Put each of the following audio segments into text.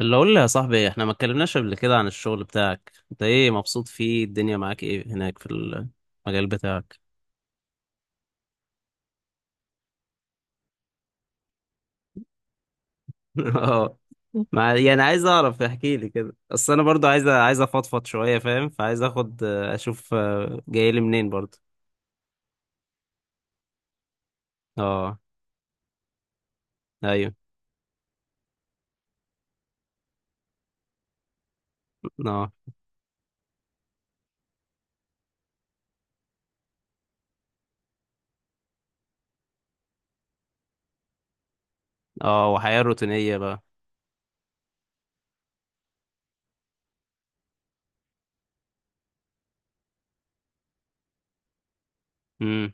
اللي اقول لي يا صاحبي، احنا ما اتكلمناش قبل كده عن الشغل بتاعك. انت ايه، مبسوط فيه؟ الدنيا معاك ايه هناك في المجال بتاعك؟ اه. يعني عايز اعرف، احكي لي كده، اصل انا برضو عايز افضفض شويه، فاهم؟ فعايز اخد اشوف، جاي لي منين برضو. اه. ايوه. اه. اه، وحياه روتينيه بقى. امم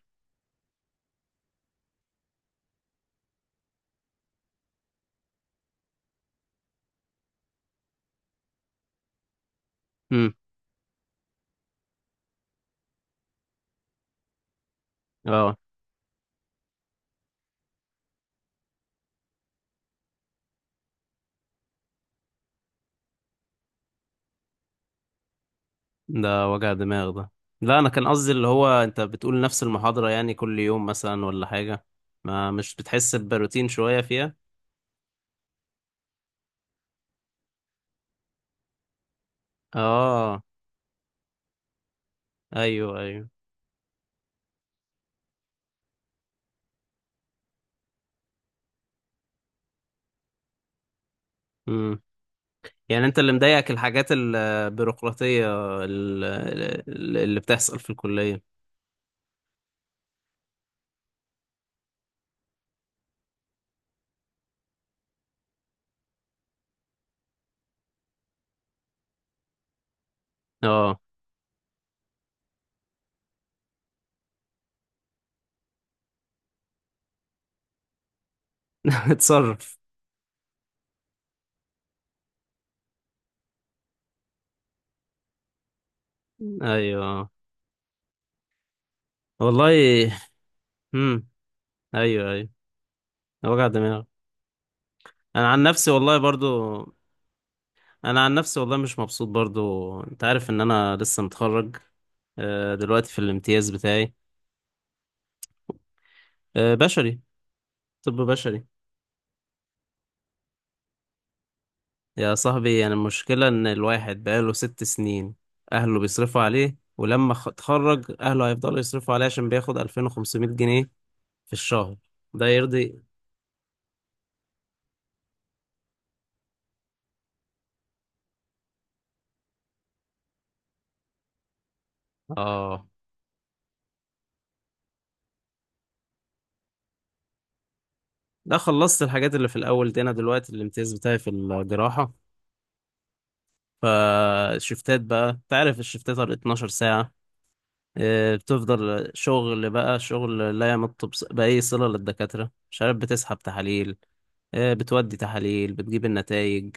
امم اه، ده وجع دماغ ده. لا، انا كان قصدي اللي هو انت بتقول نفس المحاضره يعني كل يوم مثلا ولا حاجه؟ ما مش بتحس بروتين شويه فيها؟ اه. ايوه ايوه. امم يعني انت اللي مضايقك الحاجات البيروقراطية اللي بتحصل في الكلية؟ اه. اتصرف. ايوه آه. والله. امم. ايوه ايوه. وجع دماغ. انا عن نفسي والله برضو، انا عن نفسي والله مش مبسوط برضو. انت عارف ان انا لسه متخرج، دلوقتي في الامتياز بتاعي. بشري. طب بشري. يا صاحبي، انا المشكلة ان الواحد بقاله ست سنين اهله بيصرفوا عليه، ولما اتخرج اهله هيفضلوا يصرفوا عليه عشان بياخد 2500 جنيه في الشهر. ده يرضي؟ اه. ده خلصت الحاجات اللي في الاول دي. انا دلوقتي الامتياز بتاعي في الجراحة. فالشفتات بقى، انت عارف الشفتات على 12 ساعة. بتفضل شغل بقى شغل لا يمت بأي صلة للدكاترة. مش عارف، بتسحب تحاليل، بتودي تحاليل، بتجيب النتائج.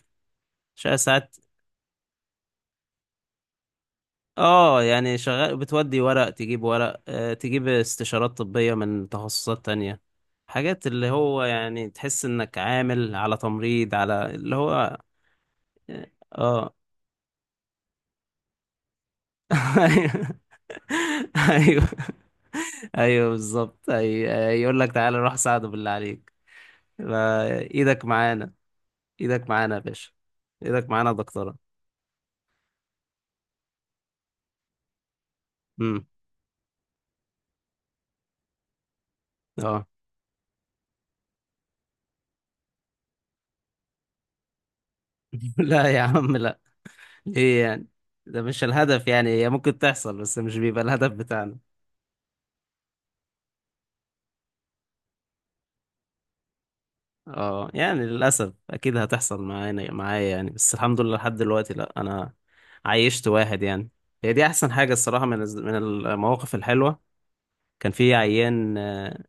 اه يعني شغال، بتودي ورق تجيب ورق، تجيب استشارات طبية من تخصصات تانية، حاجات اللي هو يعني تحس انك عامل على تمريض، على اللي هو. اه. ايوه. ايوه بالظبط. يقول لك تعالى روح ساعده بالله عليك. ايدك معانا. ايدك معانا يا باشا. ايدك معانا يا دكتورة. امم. اه. لا يا عم لا، ايه يعني؟ ده مش الهدف يعني. هي ممكن تحصل بس مش بيبقى الهدف بتاعنا. اه يعني للأسف أكيد هتحصل معانا، معايا يعني، بس الحمد لله لحد دلوقتي لأ. أنا عايشت واحد يعني، هي دي أحسن حاجة الصراحة، من من المواقف الحلوة. كان في عيان،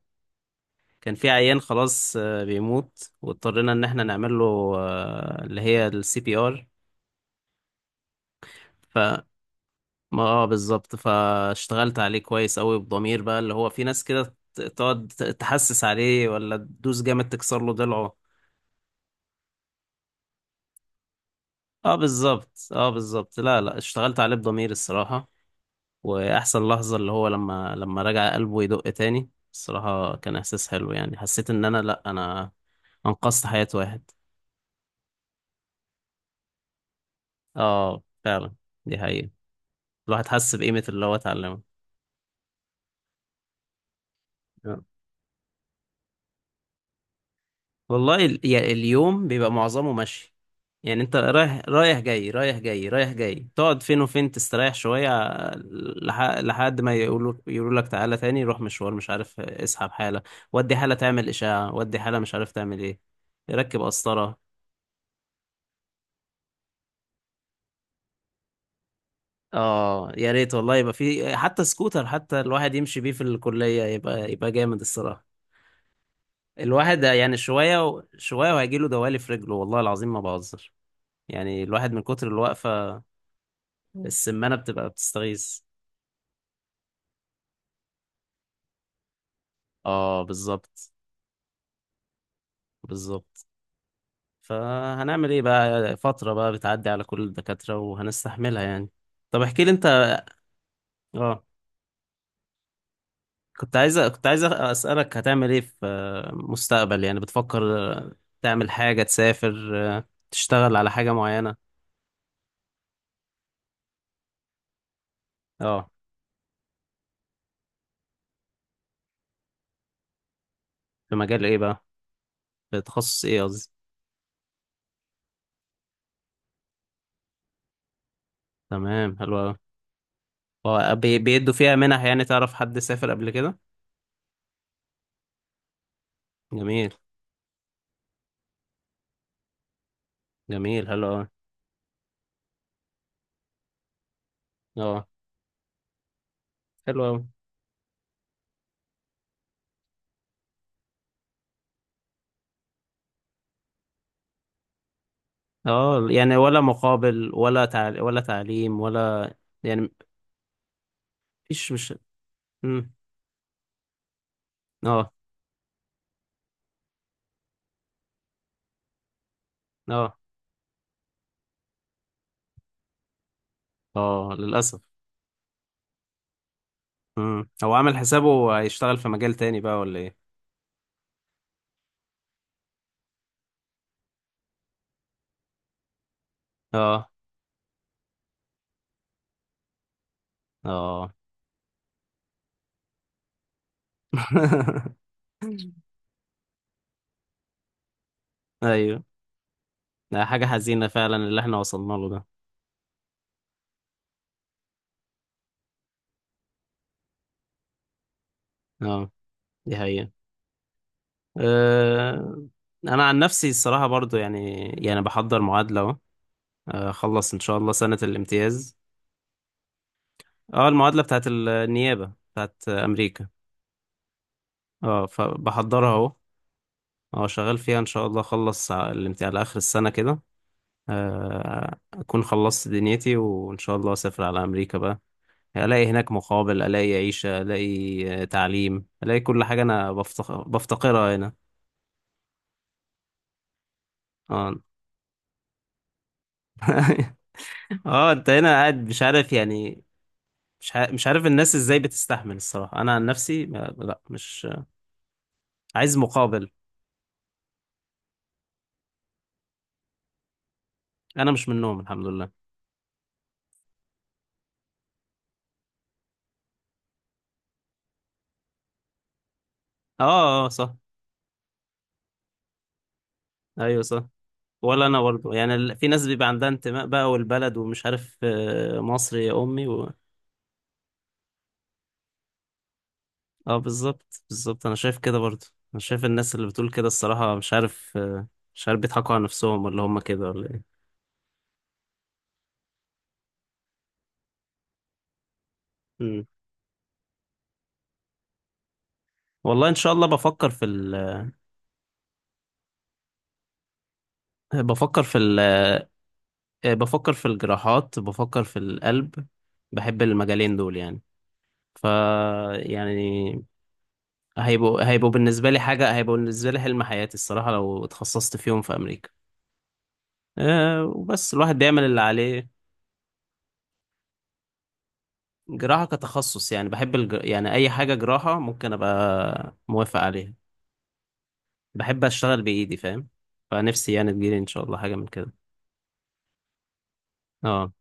كان في عيان خلاص، بيموت، واضطرينا إن احنا نعمل له، اللي هي السي بي ار. ما اه بالظبط. فاشتغلت عليه كويس قوي بضمير بقى، اللي هو في ناس كده تقعد تحسس عليه ولا تدوس جامد تكسر له ضلعه. اه بالظبط، اه بالظبط. لا لا، اشتغلت عليه بضمير الصراحة. واحسن لحظة اللي هو لما رجع قلبه يدق تاني، الصراحة كان احساس حلو. يعني حسيت ان انا، لا انا انقذت حياة واحد. اه فعلا، دي حقيقة. الواحد حس بقيمة اللي هو اتعلمه. والله يعني اليوم بيبقى معظمه مشي. يعني انت رايح، رايح جاي، تقعد فين؟ وفين تستريح شوية؟ لحد ما يقولوا لك تعالى تاني، روح مشوار، مش عارف اسحب حالة، ودي حالة تعمل إشاعة، ودي حالة مش عارف تعمل ايه، ركب قسطرة. اه يا ريت والله، يبقى في حتى سكوتر، حتى الواحد يمشي بيه في الكلية، يبقى يبقى جامد الصراحة. الواحد يعني شوية شوية وهيجيله دوالي في رجله، والله العظيم ما بهزر. يعني الواحد من كتر الوقفة، السمانة بتبقى بتستغيث. اه بالظبط بالظبط. فهنعمل ايه بقى؟ فترة بقى بتعدي على كل الدكاترة، وهنستحملها يعني. طب احكي لي انت. اه. كنت عايز اسألك، هتعمل ايه في، مستقبل يعني بتفكر، آه، تعمل حاجة، تسافر، تشتغل على حاجة معينة؟ اه، في مجال ايه بقى؟ في تخصص ايه قصدي؟ تمام، حلو أوي. هو بيدوا فيها منح يعني؟ تعرف حد سافر قبل كده؟ جميل. جميل، حلو أوي. اه، حلو أوي. اه يعني ولا مقابل، ولا ولا تعليم ولا؟ يعني مفيش مش. مم. اه. اه. اه للأسف. مم. هو عامل حسابه هيشتغل في مجال تاني بقى ولا ايه؟ اه. اه. ايوه. ده حاجة حزينة فعلا اللي احنا وصلنا له ده. اه، دي حقيقة. أه... انا عن نفسي الصراحة برضو يعني، يعني بحضر معادلة اهو، اخلص ان شاء الله سنة الامتياز. اه، المعادلة بتاعت النيابة بتاعت امريكا. اه، فبحضرها اهو. اه، شغال فيها. ان شاء الله اخلص على الامتحان على اخر السنة كده، اكون خلصت دنيتي، وان شاء الله اسافر على امريكا بقى. الاقي هناك مقابل، الاقي عيشة، الاقي تعليم، الاقي كل حاجة انا بفتقرها هنا. اه. اه انت هنا قاعد مش عارف يعني، مش عارف الناس ازاي بتستحمل الصراحة. انا عن نفسي لا مش عايز مقابل. انا مش منهم، الحمد لله. اه. اه. صح. ايوه صح. ولا انا برضه يعني في ناس بيبقى عندها انتماء بقى والبلد ومش عارف، مصر يا امي اه بالظبط بالظبط، انا شايف كده برضه. انا شايف الناس اللي بتقول كده الصراحة مش عارف، مش عارف بيضحكوا على نفسهم ولا هم كده ولا ايه. مم. والله ان شاء الله بفكر في بفكر في ال... آه، بفكر في الجراحات، بفكر في القلب. بحب المجالين دول يعني. ف، يعني هيبقوا بالنسبة لي حاجة، هيبقوا بالنسبة لي حلم حياتي الصراحة لو اتخصصت فيهم في أمريكا، وبس الواحد بيعمل اللي عليه. جراحة كتخصص يعني، بحب يعني أي حاجة جراحة ممكن أبقى موافق عليها. بحب أشتغل بإيدي، فاهم؟ فنفسي يعني تجيلي إن شاء الله حاجة من كده. اه،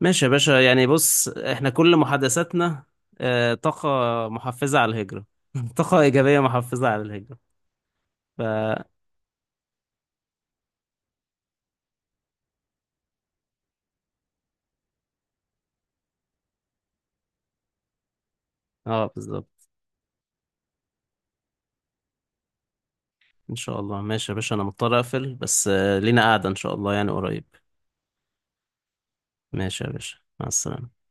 ماشي يا باشا يعني. بص، إحنا كل محادثاتنا طاقة محفزة على الهجرة. طاقة إيجابية محفزة على الهجرة. ف، اه بالظبط. إن شاء الله. ماشي يا باشا، أنا مضطر أقفل بس، لينا قعدة إن شاء الله يعني قريب. ماشي يا باشا، مع السلامة.